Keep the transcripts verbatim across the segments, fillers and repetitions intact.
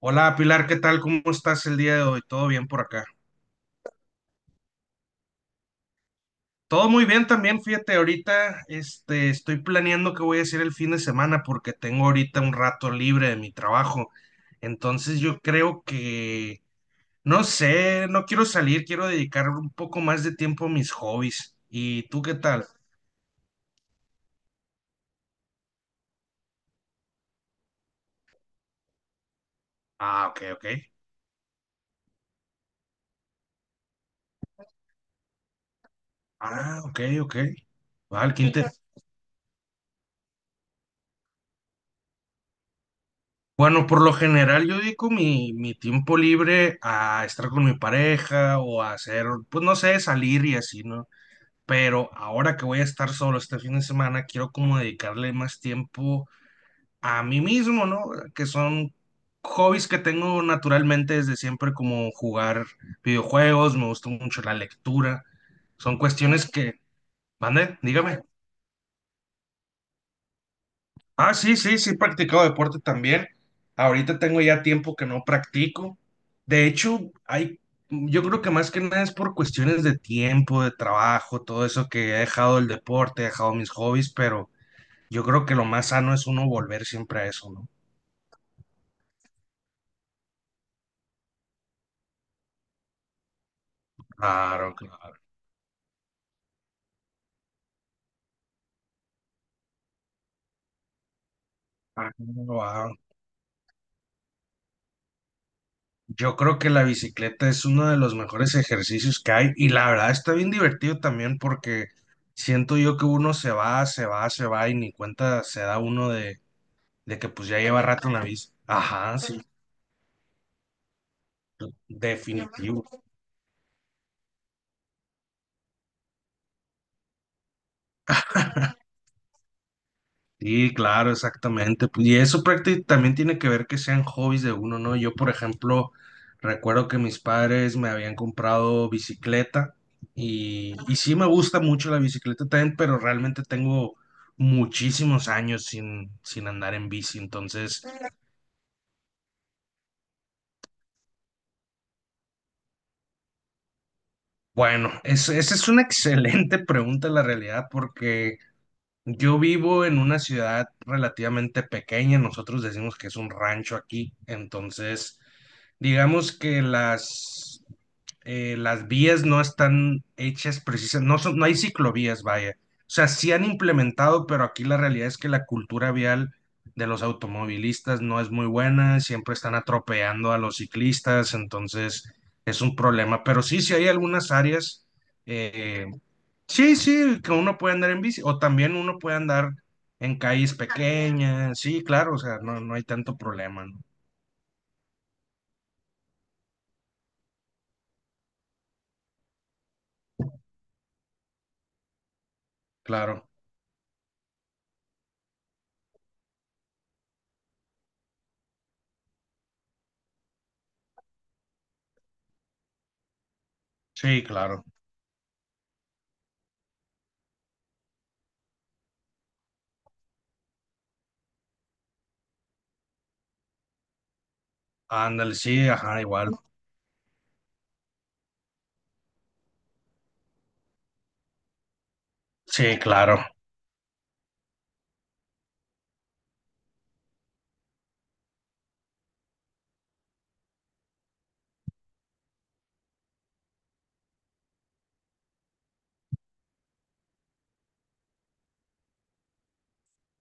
Hola Pilar, ¿qué tal? ¿Cómo estás el día de hoy? ¿Todo bien por acá? Todo muy bien también, fíjate, ahorita este, estoy planeando qué voy a hacer el fin de semana porque tengo ahorita un rato libre de mi trabajo. Entonces yo creo que, no sé, no quiero salir, quiero dedicar un poco más de tiempo a mis hobbies. ¿Y tú qué tal? Ah, ok, ok. Ah, ok, ok. Vale, qué Bueno, por lo general yo dedico mi, mi tiempo libre a estar con mi pareja o a hacer, pues no sé, salir y así, ¿no? Pero ahora que voy a estar solo este fin de semana, quiero como dedicarle más tiempo a mí mismo, ¿no? Que son hobbies que tengo naturalmente desde siempre, como jugar videojuegos, me gusta mucho la lectura, son cuestiones que, ¿mande? Dígame. Ah, sí, sí, sí, he practicado deporte también. Ahorita tengo ya tiempo que no practico. De hecho, hay, yo creo que más que nada es por cuestiones de tiempo, de trabajo, todo eso que he dejado el deporte, he dejado mis hobbies, pero yo creo que lo más sano es uno volver siempre a eso, ¿no? Claro, claro. Ah, wow. Yo creo que la bicicleta es uno de los mejores ejercicios que hay y la verdad está bien divertido también porque siento yo que uno se va, se va, se va y ni cuenta se da uno de De que pues ya lleva rato en la bici. Ajá, sí, definitivo. Sí, claro, exactamente. Pues, y eso prácticamente también tiene que ver que sean hobbies de uno, ¿no? Yo, por ejemplo, recuerdo que mis padres me habían comprado bicicleta y, y sí me gusta mucho la bicicleta también, pero realmente tengo muchísimos años sin, sin andar en bici. Entonces, bueno, es- esa es una excelente pregunta, la realidad, porque... Yo vivo en una ciudad relativamente pequeña, nosotros decimos que es un rancho aquí, entonces digamos que las, eh, las vías no están hechas precisas, no son, no hay ciclovías, vaya. O sea, sí han implementado, pero aquí la realidad es que la cultura vial de los automovilistas no es muy buena, siempre están atropellando a los ciclistas, entonces es un problema. Pero sí, sí hay algunas áreas. eh, Sí, sí, que uno puede andar en bici o también uno puede andar en calles pequeñas, sí, claro, o sea, no, no hay tanto problema, ¿no? Claro, sí, claro. Ándale, sí, ajá, igual. Sí, claro.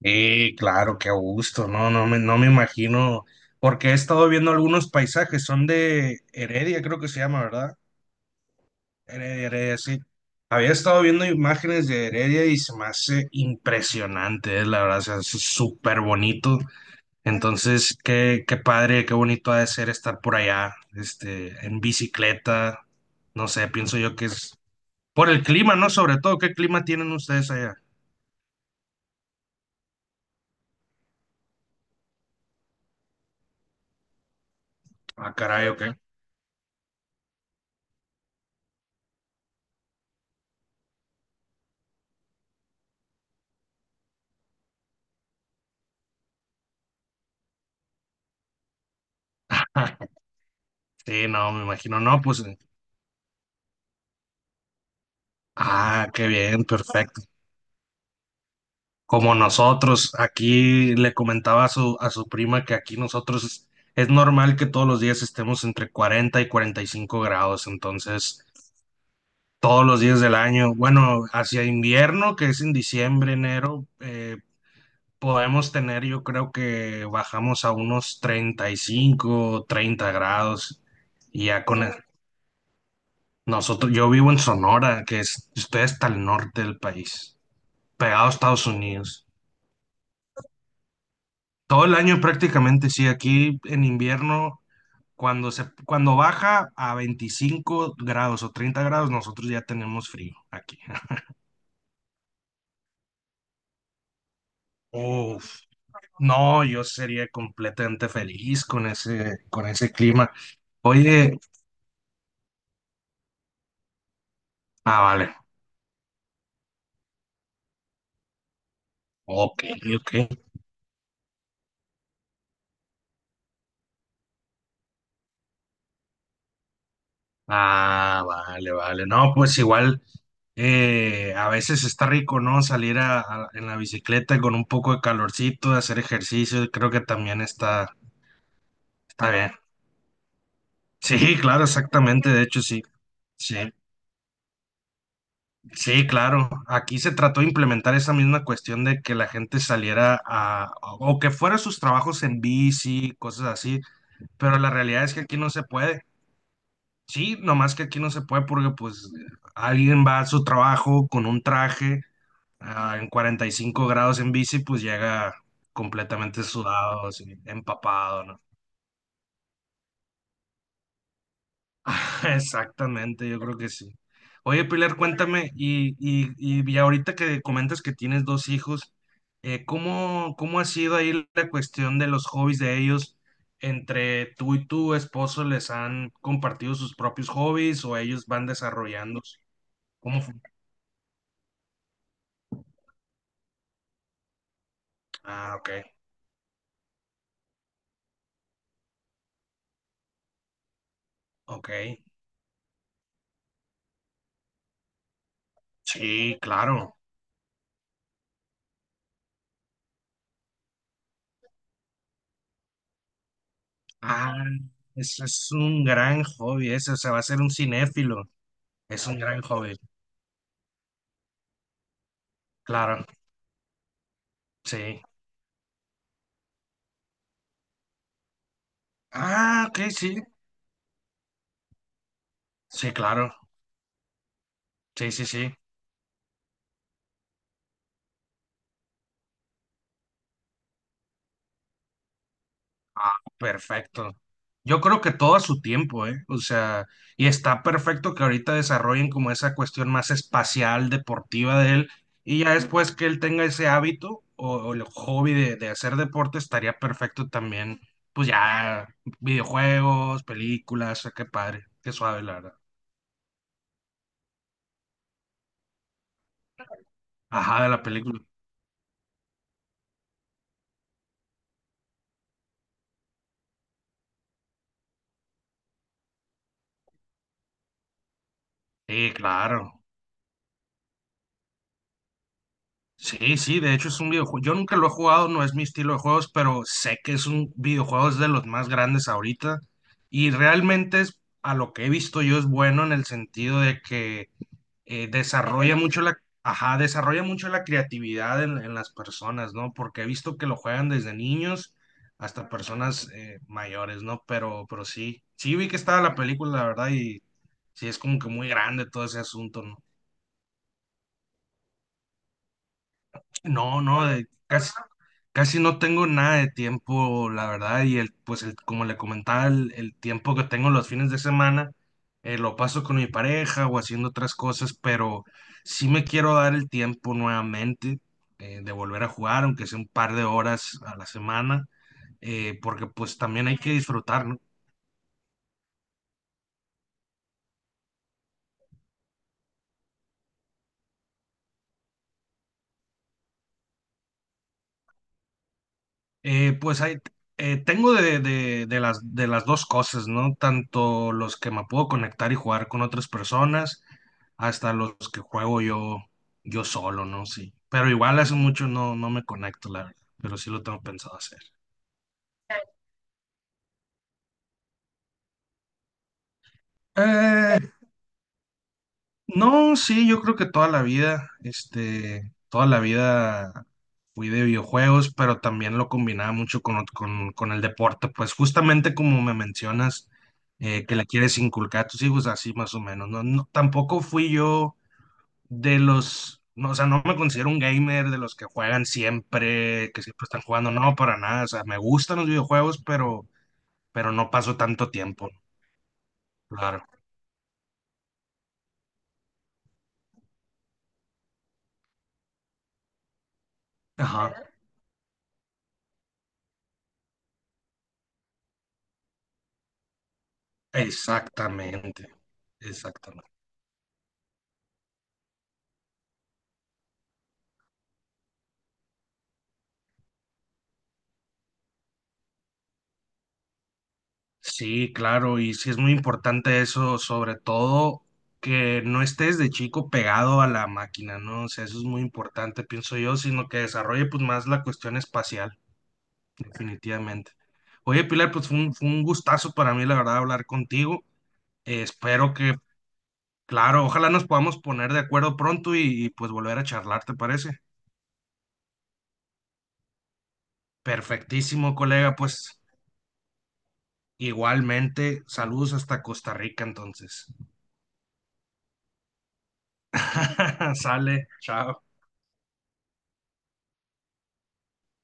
Sí, claro, qué gusto, no, no me, no me imagino, porque he estado viendo algunos paisajes, son de Heredia, creo que se llama, ¿verdad? Heredia, Heredia, sí. Había estado viendo imágenes de Heredia y se me hace impresionante, eh, la verdad, o sea, es súper bonito. Entonces, qué, qué padre, qué bonito ha de ser estar por allá, este, en bicicleta. No sé, pienso yo que es por el clima, ¿no? Sobre todo, ¿qué clima tienen ustedes allá? Ah, caray, ok. Sí, no, me imagino, no, pues, eh, ah, qué bien, perfecto. Como nosotros, aquí le comentaba a su, a su prima que aquí nosotros es, es normal que todos los días estemos entre cuarenta y cuarenta y cinco grados, entonces todos los días del año. Bueno, hacia invierno, que es en diciembre, enero, eh, podemos tener, yo creo que bajamos a unos treinta y cinco, treinta grados. Y ya con el- Nosotros, yo vivo en Sonora, que es, estoy hasta el norte del país, pegado a Estados Unidos. Todo el año prácticamente, sí, aquí en invierno, cuando se, cuando baja a veinticinco grados o treinta grados, nosotros ya tenemos frío aquí. Uf. No, yo sería completamente feliz con ese, con ese clima. Oye, ah, vale, ok, ok. Ah, vale, vale. No, pues igual eh, a veces está rico, ¿no? Salir a, a- en la bicicleta con un poco de calorcito, hacer ejercicio, creo que también está, está bien. Sí, claro, exactamente, de hecho sí. Sí, sí, claro. Aquí se trató de implementar esa misma cuestión de que la gente saliera a, o que fuera a sus trabajos en bici, cosas así pero la realidad es que aquí no se puede. Sí, nomás que aquí no se puede porque pues alguien va a su trabajo con un traje ah, en cuarenta y cinco grados en bici, pues llega completamente sudado, así, empapado, ¿no? Exactamente, yo creo que sí. Oye, Pilar, cuéntame, y, y, y ya ahorita que comentas que tienes dos hijos, eh, ¿cómo, cómo ha sido ahí la cuestión de los hobbies de ellos? ¿Entre tú y tu esposo les han compartido sus propios hobbies o ellos van desarrollándose? ¿Cómo fue? Ah, ok, ok. Sí, claro. Ah, ese es un gran hobby, ese, o sea, va a ser un cinéfilo. Es un gran hobby, claro, sí. Ah, ok, sí. Sí, claro. Sí, sí, sí. Ah, perfecto. Yo creo que todo a su tiempo, ¿eh? O sea, y está perfecto que ahorita desarrollen como esa cuestión más espacial, deportiva de él, y ya después que él tenga ese hábito o, o el hobby de, de hacer deporte, estaría perfecto también, pues ya, videojuegos, películas, qué padre, qué suave, la verdad. Ajá, de la película. Sí, claro. Sí, sí, de hecho es un videojuego. Yo nunca lo he jugado, no es mi estilo de juegos, pero sé que es un videojuego es de los más grandes ahorita. Y realmente es, a lo que he visto yo es bueno en el sentido de que eh, desarrolla mucho la, ajá, desarrolla mucho la creatividad en, en las personas, ¿no? Porque he visto que lo juegan desde niños hasta personas eh, mayores, ¿no? Pero, pero sí, sí vi que estaba la película, la verdad, y sí es como que muy grande todo ese asunto, ¿no? No, no, de- casi, casi no tengo nada de tiempo, la verdad, y el, pues el, como le comentaba, el, el tiempo que tengo los fines de semana, eh, lo paso con mi pareja o haciendo otras cosas, pero sí me quiero dar el tiempo nuevamente eh, de volver a jugar, aunque sea un par de horas a la semana, eh, porque pues también hay que disfrutar, ¿no? Eh, pues hay, eh, tengo de, de- de las, de las dos cosas, ¿no? Tanto los que me puedo conectar y jugar con otras personas, hasta los que juego yo, yo solo, ¿no? Sí. Pero igual hace mucho no, no me conecto, la verdad. Pero sí lo tengo pensado hacer. Eh, No, sí, yo creo que toda la vida, este, toda la vida fui de videojuegos, pero también lo combinaba mucho con, ot- con, con el deporte, pues justamente como me mencionas, eh, que le quieres inculcar a tus hijos, así más o menos, no, no, tampoco fui yo de los, no, o sea, no me considero un gamer de los que juegan siempre, que siempre están jugando, no, para nada, o sea, me gustan los videojuegos, pero, pero, no paso tanto tiempo, claro. Ajá, exactamente, exactamente. Sí, claro, y sí es muy importante eso, sobre todo que no estés de chico pegado a la máquina, ¿no? O sea, eso es muy importante, pienso yo, sino que desarrolle pues más la cuestión espacial, definitivamente. Oye, Pilar, pues fue un, fue un, gustazo para mí, la verdad, hablar contigo. Eh, espero que, claro, ojalá nos podamos poner de acuerdo pronto y, y, pues volver a charlar, ¿te parece? Perfectísimo, colega, pues igualmente, saludos hasta Costa Rica entonces. Sale, chao.